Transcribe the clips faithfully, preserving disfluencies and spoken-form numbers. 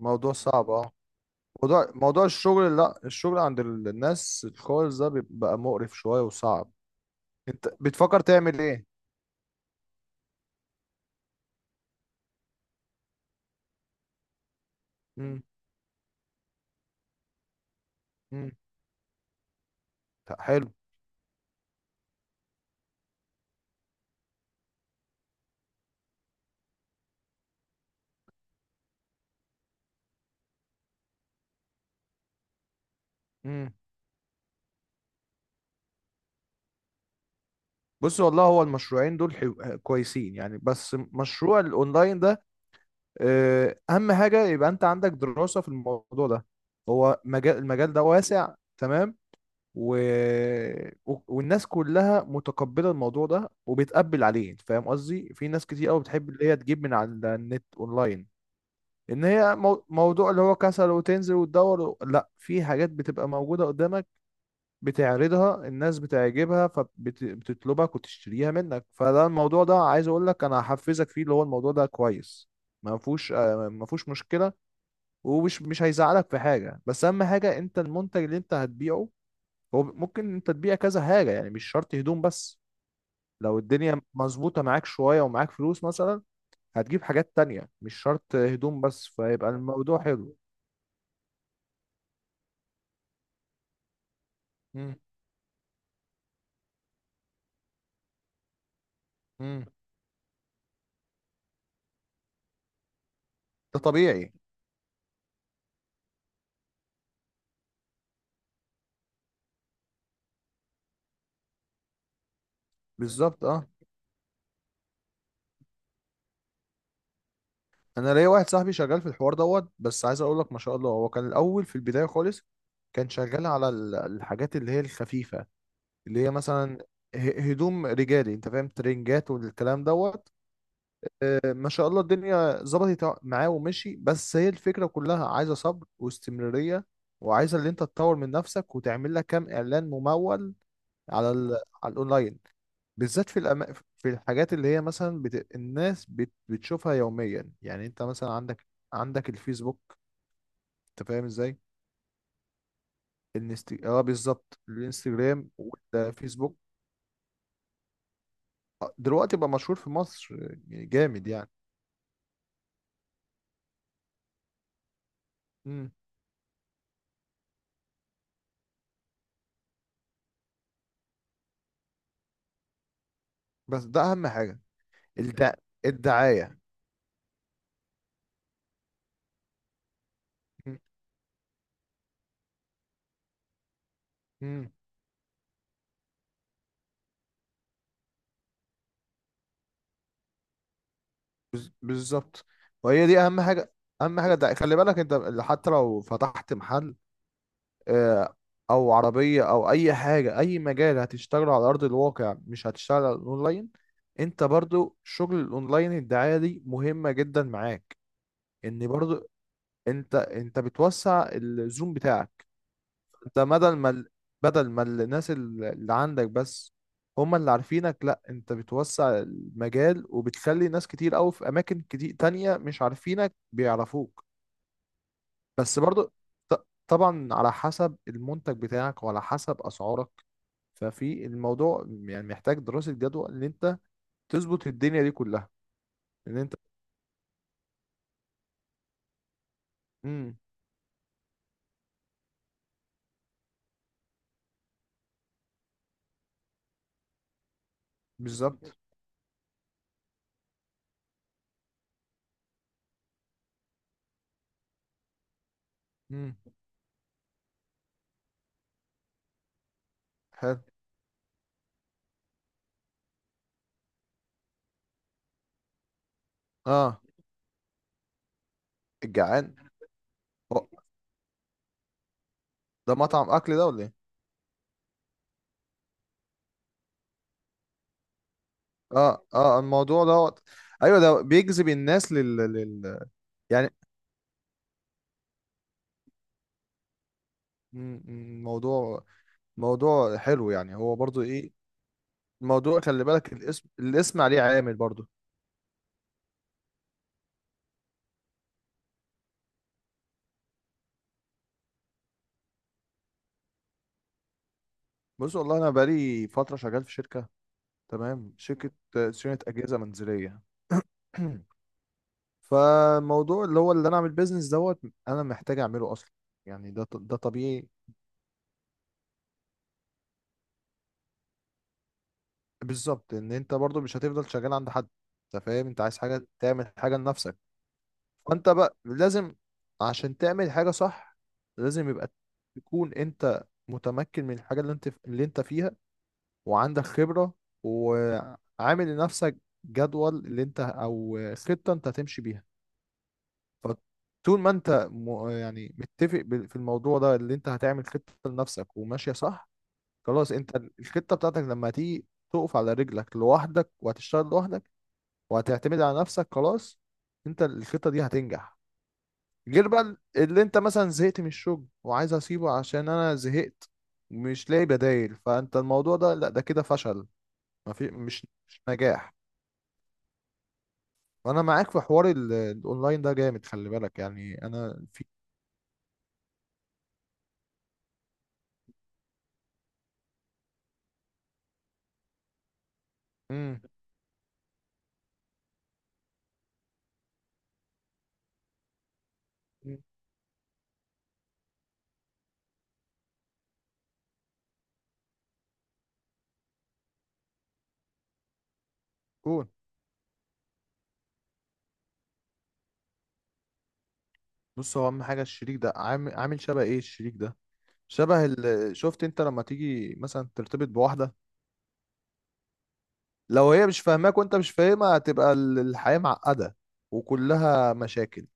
موضوع صعب، اه. موضوع موضوع الشغل، لا، الشغل عند ال- الناس الخالص ده بيبقى مقرف شوية وصعب. انت بتفكر تعمل ايه؟ امم. امم. حلو. امم. بص والله هو المشروعين دول حلو، كويسين يعني، بس مشروع الاونلاين ده آه، اهم حاجة يبقى انت عندك دراسة في الموضوع ده. هو مجال المجال ده واسع تمام. و... و- والناس كلها متقبلة الموضوع ده وبتقبل عليه، انت فاهم قصدي؟ في ناس كتير قوي بتحب اللي هي تجيب من على النت اونلاين. ان هي مو- موضوع اللي هو كسل وتنزل وتدور و... لا، في حاجات بتبقى موجودة قدامك، بتعرضها الناس بتعجبها فبتطلبك وتشتريها منك. فده الموضوع ده عايز اقول لك انا هحفزك فيه، اللي هو الموضوع ده كويس، ما فيهوش، آه، ما فيهوش مشكلة. ومش مش هيزعلك في حاجة، بس اهم حاجة انت المنتج اللي انت هتبيعه. هو ممكن انت تبيع كذا حاجة يعني، مش شرط هدوم بس. لو الدنيا مظبوطة معاك شوية ومعاك فلوس مثلا، هتجيب حاجات تانية مش شرط هدوم بس، فيبقى الموضوع حلو. مم. ده طبيعي. بالظبط، اه. انا ليا واحد صاحبي شغال في الحوار دوت، بس عايز اقول لك ما شاء الله هو كان الاول في البدايه خالص كان شغال على ال- الحاجات اللي هي الخفيفه، اللي هي مثلا ه- هدوم رجالي، انت فاهم، ترنجات والكلام دوت. آه، ما شاء الله الدنيا ظبطت معاه ومشي، بس هي الفكره كلها عايزه صبر واستمراريه، وعايزه اللي انت تطور من نفسك وتعمل لك كام اعلان ممول على ال... على الاونلاين، بالذات في الأما... في الحاجات اللي هي مثلا بت... الناس بت... بتشوفها يوميا. يعني انت مثلا عندك، عندك الفيسبوك، انت فاهم ازاي؟ الانست... اه بالظبط الانستجرام والفيسبوك. آه، دلوقتي بقى مشهور في مصر، يعني جامد يعني. مم. بس ده اهم حاجة، الد... الدعاية. مم. مم. بالظبط، وهي دي اهم حاجة. اهم حاجة الدعاية، خلي بالك انت حتى لو فتحت محل، آه، او عربيه او اي حاجه، اي مجال هتشتغله على ارض الواقع مش هتشتغل على الاونلاين، انت برضو شغل الاونلاين الدعايه دي مهمه جدا معاك. ان برضو انت، انت بتوسع الزوم بتاعك، انت بدل ما ال- بدل ما الناس ال- اللي عندك بس هما اللي عارفينك، لا، انت بتوسع المجال وبتخلي ناس كتير قوي في اماكن كتير تانية مش عارفينك بيعرفوك. بس برضو ط- طبعا على حسب المنتج بتاعك وعلى حسب اسعارك. ففي الموضوع يعني محتاج دراسة جدوى ان انت تظبط الدنيا دي كلها. ان انت. امم. بالظبط. امم. حلو. اه. الجعان. هو ده مطعم اكل ده ولا ايه؟ اه اه، الموضوع دوت. ايوه ده بيجذب الناس لل, لل... يعني مم، مم، موضوع، موضوع حلو يعني، هو برضو ايه الموضوع؟ خلي بالك الاسم، الاسم عليه عامل برضو. بص والله انا بقالي فترة شغال في شركة، تمام، شركة آه، صيانة اجهزة منزلية. فموضوع اللي هو اللي انا اعمل بيزنس دوت انا محتاج اعمله اصلا، يعني ده ط- ده طبيعي. بالظبط، ان انت برضو مش هتفضل شغال عند حد، انت فاهم، انت عايز حاجه، تعمل حاجه لنفسك. فانت بقى لازم عشان تعمل حاجه صح، لازم يبقى تكون انت متمكن من الحاجه اللي انت اللي انت فيها، وعندك خبره، وعامل لنفسك جدول اللي انت، او خطه انت هتمشي بيها. فطول ما انت م- يعني متفق بال- في الموضوع ده، اللي انت هتعمل خطة لنفسك وماشية صح، خلاص انت ال- الخطة بتاعتك لما تيجي تقف على رجلك لوحدك وهتشتغل لوحدك وهتعتمد على نفسك، خلاص انت الخطة دي هتنجح. غير بقى ال- اللي انت مثلا زهقت من الشغل وعايز اسيبه عشان انا زهقت مش لاقي بدايل، فانت الموضوع ده لا، ده كده فشل، ما في، مش مش نجاح. وانا معاك في حوار ال- الاونلاين ده، جامد، خلي بالك يعني، انا في. امم. قول. بص، هو اهم حاجه الشريك ده، عامل، عامل شبه ايه الشريك ده؟ شبه ال... شفت انت لما تيجي مثلا ترتبط بواحده، لو هي مش فاهماك وانت مش فاهمها، هتبقى ال- الحياه معقده وكلها مشاكل.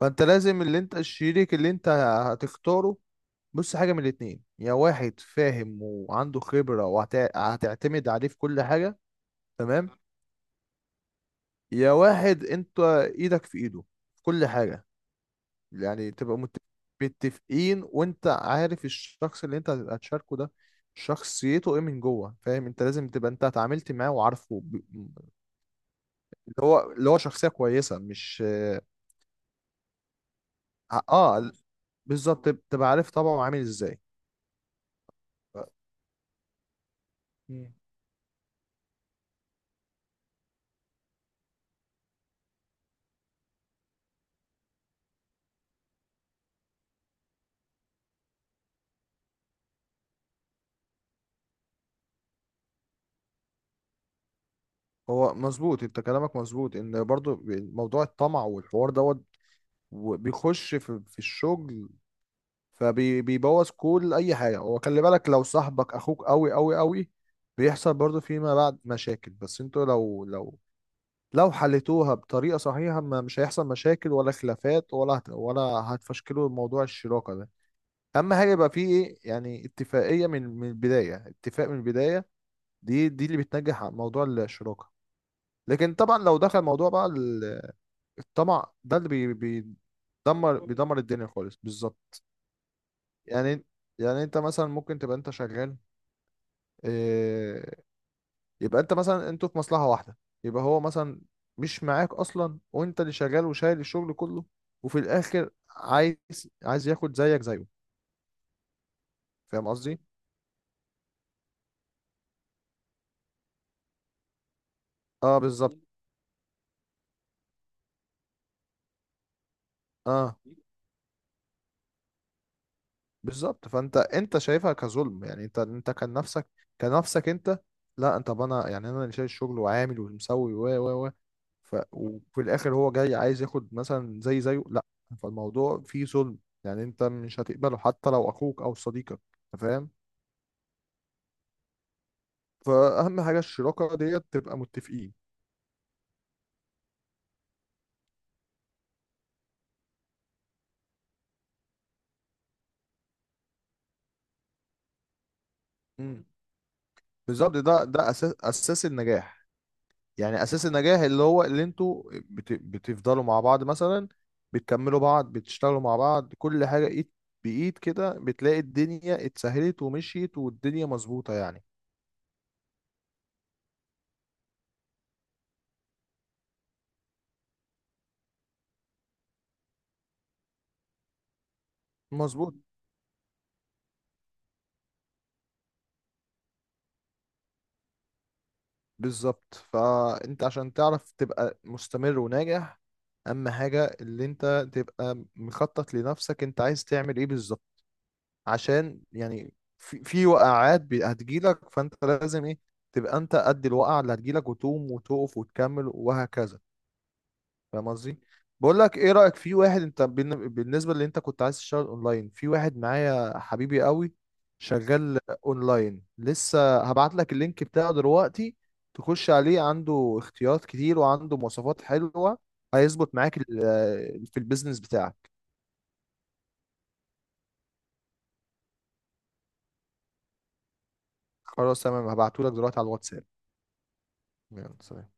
فانت لازم اللي انت الشريك اللي انت هتختاره، بص، حاجه من الاتنين: يا واحد فاهم وعنده خبره وهتعتمد عليه في كل حاجه، تمام، يا واحد انت ايدك في ايده في كل حاجه، يعني تبقى مت- متفقين، وانت عارف الشخص اللي انت هتبقى تشاركه ده شخصيته ايه من جوه، فاهم؟ انت لازم تبقى انت اتعاملت معاه وعارفه ب- اللي هو اللي هو شخصية كويسة، مش. اه بالظبط، تبقى عارف طبعه عامل ازاي. مم. هو مظبوط، انت كلامك مظبوط، ان برضو موضوع الطمع والحوار دوت وبيخش في في الشغل فبيبوظ كل اي حاجه. وخلي بالك لو صاحبك اخوك قوي قوي قوي، بيحصل برضو فيما بعد مشاكل، بس انتوا لو لو لو حلتوها بطريقه صحيحه ما مش هيحصل مشاكل ولا خلافات، ولا هت، ولا هتفشكلوا موضوع الشراكه ده. اهم حاجه يبقى فيه ايه، يعني اتفاقيه من من البدايه، اتفاق من البدايه، دي، دي اللي بتنجح على موضوع الشراكه. لكن طبعا لو دخل موضوع بقى ال- الطمع ده اللي بي- بيدمر، بيدمر الدنيا خالص، بالظبط. يعني، يعني انت مثلا ممكن تبقى انت شغال، إيه، يبقى انت مثلا انتوا في مصلحة واحدة، يبقى هو مثلا مش معاك اصلا وانت اللي شغال وشايل الشغل كله، وفي الاخر عايز، عايز ياخد زيك زيه، فاهم قصدي؟ اه بالظبط. اه بالظبط، فانت، انت شايفها كظلم، يعني انت، انت كان نفسك كنفسك انت، لا، انت طب انا، يعني انا اللي شايل الشغل وعامل ومسوي و و و، ف وفي الاخر هو جاي عايز ياخد مثلا زي زيه، لا، فالموضوع فيه ظلم. يعني انت مش هتقبله حتى لو اخوك او صديقك، أنت فاهم؟ فأهم حاجة الشراكة ديت تبقى متفقين. مم. بالظبط، ده ده أساس أساس النجاح، يعني أساس النجاح اللي هو اللي انتوا بت... بتفضلوا مع بعض مثلا، بتكملوا بعض، بتشتغلوا مع بعض كل حاجة، إيد بإيد كده، بتلاقي الدنيا اتسهلت ومشيت والدنيا مظبوطة يعني. مظبوط. بالظبط، فأنت عشان تعرف تبقى مستمر وناجح أهم حاجة اللي انت تبقى مخطط لنفسك، انت عايز تعمل ايه بالظبط، عشان يعني في، في وقعات بي- هتجيلك، فانت لازم ايه، تبقى انت قد الوقعه اللي هتجيلك وتقوم وتقف وتكمل وهكذا، فاهم قصدي؟ بقول لك ايه، رايك في واحد، انت بالن- بالنسبه اللي انت كنت عايز تشتغل اونلاين، في واحد معايا حبيبي قوي شغال اونلاين، لسه هبعت لك اللينك بتاعه دلوقتي، تخش عليه، عنده اختيارات كتير وعنده مواصفات حلوه، هيظبط معاك ال- في البيزنس بتاعك. خلاص تمام، هبعته لك دلوقتي على الواتساب. يلا سلام.